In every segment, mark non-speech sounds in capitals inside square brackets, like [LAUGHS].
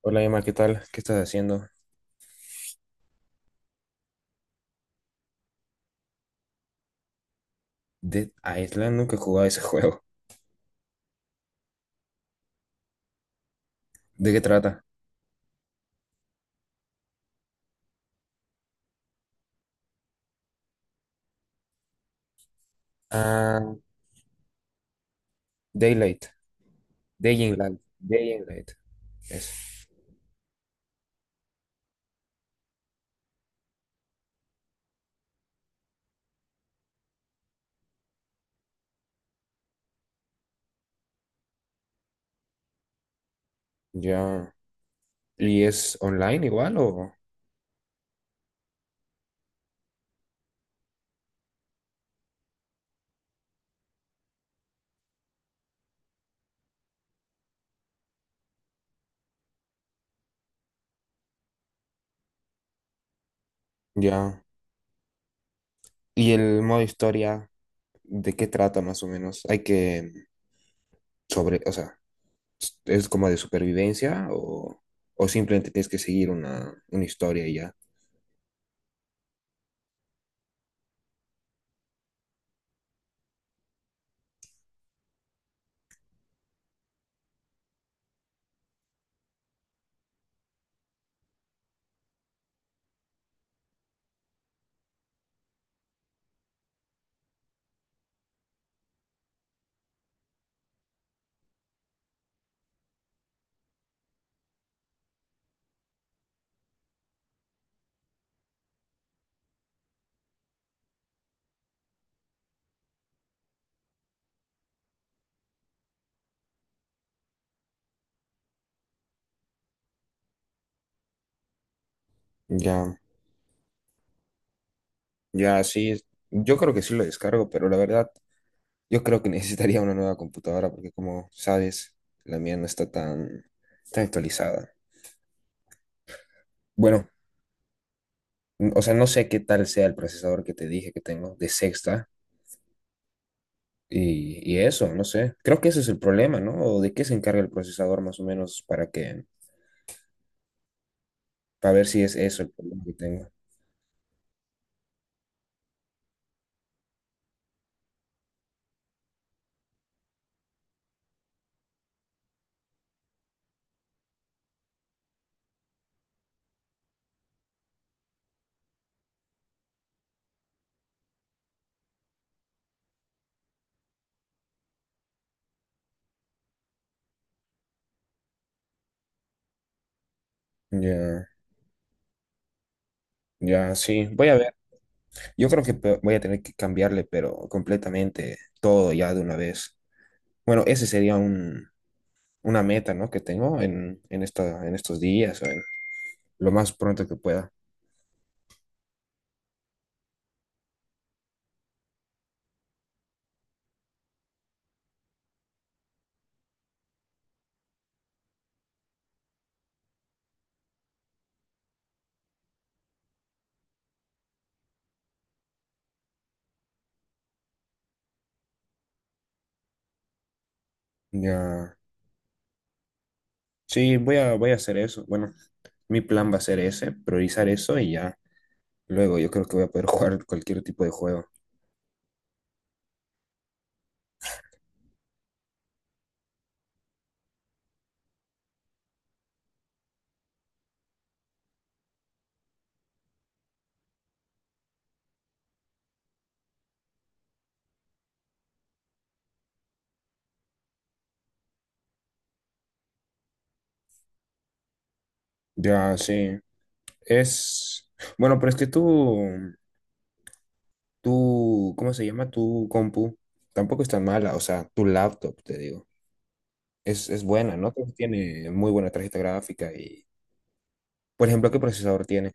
Hola Emma, ¿qué tal? ¿Qué estás haciendo? Dead Island, nunca he jugado ese [LAUGHS] juego. ¿De qué trata? Ah, Daylight. Day in Light. Day in Light. Eso. Ya. ¿Y es online igual? Ya. ¿Y el modo historia de qué trata más o menos? O sea, ¿es como de supervivencia o simplemente tienes que seguir una historia y ya? Ya. Ya, sí. Yo creo que sí lo descargo, pero la verdad. Yo creo que [LAUGHS] necesitaría una nueva computadora porque como sabes, la mía no está tan, tan actualizada. Bueno, no sé qué tal sea el procesador que te dije que tengo de sexta y eso, no sé. Creo que ese es el problema, ¿no? ¿O de qué se encarga el procesador más o menos para ver si es eso el problema que tengo? Ya, ya, sí, voy a ver. Yo creo que voy a tener que cambiarle, pero completamente todo ya de una vez. Bueno, ese sería una meta, ¿no? Que tengo en estos días, lo más pronto que pueda. Ya, sí, voy a hacer eso. Bueno, mi plan va a ser ese, priorizar eso y ya. Luego yo creo que voy a poder [LAUGHS] jugar cualquier tipo de juego. Ya, sí. Es, bueno, pero es que tú, ¿cómo se llama? Tu compu tampoco es tan mala, o sea, tu laptop, te digo. Es buena, ¿no? Tiene muy buena tarjeta gráfica y, por ejemplo, ¿qué procesador tiene?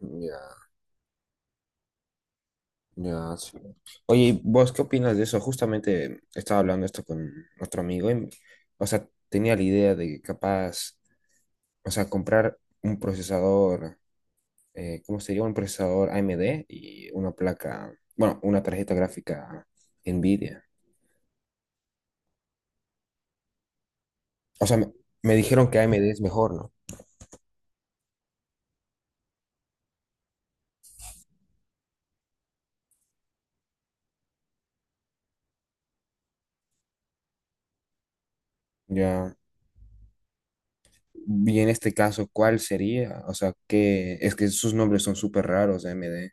Ya. Ya, sí. Oye, ¿vos qué opinas de eso? Justamente estaba hablando esto con otro amigo y, o sea, tenía la idea de que capaz, o sea, comprar un procesador, ¿cómo sería? Un procesador AMD y una placa, bueno, una tarjeta gráfica Nvidia. O sea, me dijeron que AMD es mejor, ¿no? Ya. Y en este caso, ¿cuál sería? O sea, que es que sus nombres son súper raros de AMD.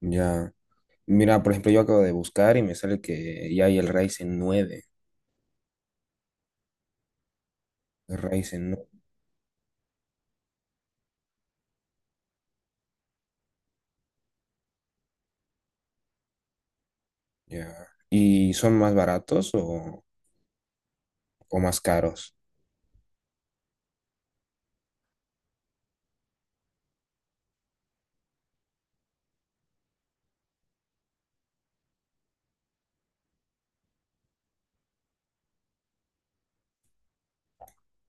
Ya. Mira, por ejemplo, yo acabo de buscar y me sale que ya hay el Ryzen nueve. Ryzen, ¿no? Ya. ¿Y son más baratos o más caros?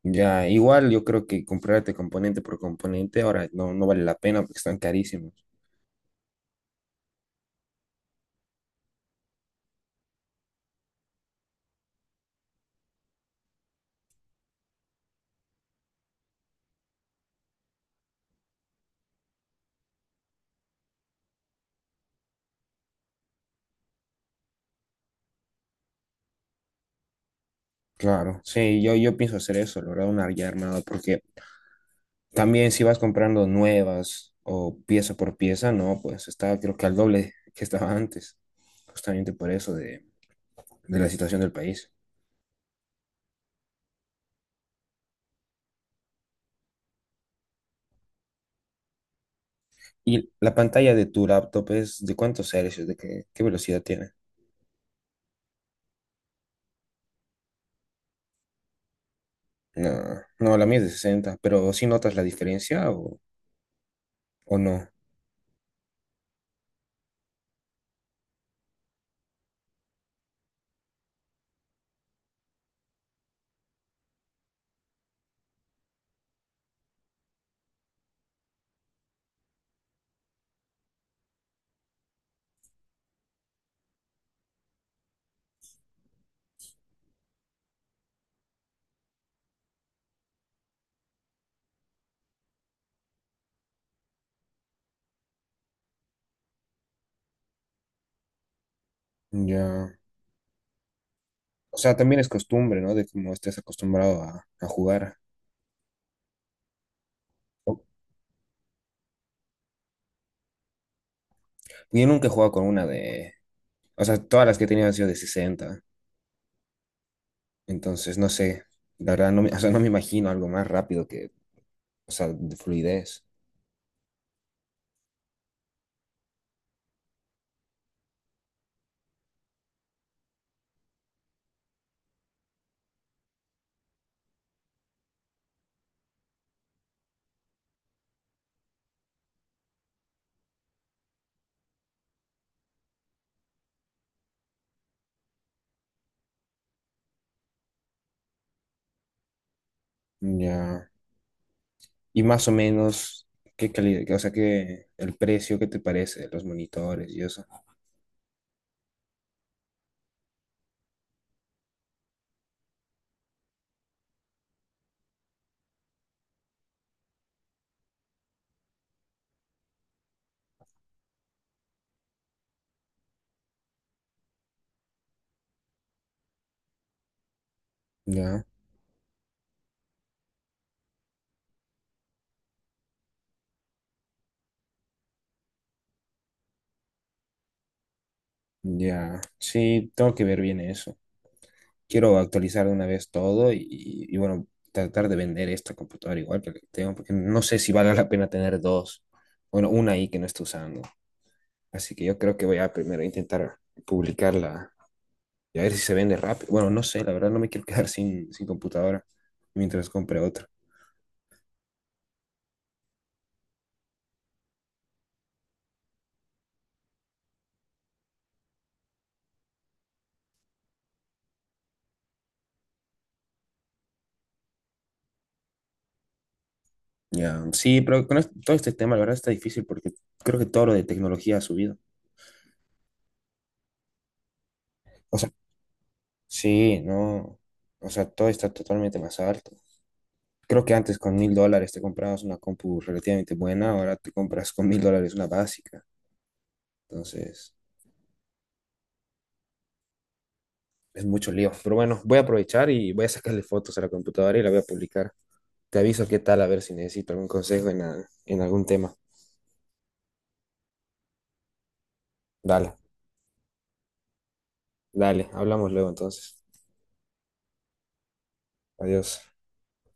Ya, igual yo creo que comprarte componente por componente ahora no vale la pena porque están carísimos. Claro, sí, yo pienso hacer eso, la verdad, una ya armada, porque también si vas comprando nuevas o pieza por pieza, no, pues está creo que al doble [LAUGHS] que estaba antes, justamente por eso de la situación del país. ¿Y la pantalla de tu laptop es de cuántos hercios, de qué velocidad tiene? No, no, la mía es de sesenta, pero ¿sí notas la diferencia o no? Ya. O sea, también es costumbre, ¿no? De cómo estés acostumbrado a jugar. O- Yo nunca he jugado con una de. O sea, todas las que he tenido han sido de sesenta. Entonces, no sé. La verdad, no me, [LAUGHS] o sea, no me imagino algo más rápido que. O sea, de fluidez. Ya. Y más o menos, ¿qué calidad? O sea, ¿ el precio, qué te parece de los monitores y eso? Ya. Ya. Sí, tengo que ver bien eso. Quiero actualizar de una vez todo y bueno, tratar de vender esta computadora igual que la que tengo, porque no sé si vale la pena tener dos, bueno, una ahí que no estoy usando. Así que yo creo que voy a primero intentar publicarla y a ver si se vende rápido. Bueno, no sé, la verdad no me quiero [LAUGHS] quedar sin computadora mientras compre otra. Ya, sí, pero con todo este tema, la verdad está difícil porque creo que todo lo de tecnología ha subido. O sea, sí, no, o sea, todo está totalmente más alto. Creo que antes con 1.000 dólares te comprabas una compu relativamente buena, ahora te compras con 1.000 dólares una básica. Entonces, es mucho lío. Pero bueno, voy a aprovechar y voy a sacarle fotos a la computadora y la voy a publicar. Te aviso qué tal, a ver si necesito algún consejo en algún tema. Dale, dale, hablamos luego entonces. Adiós.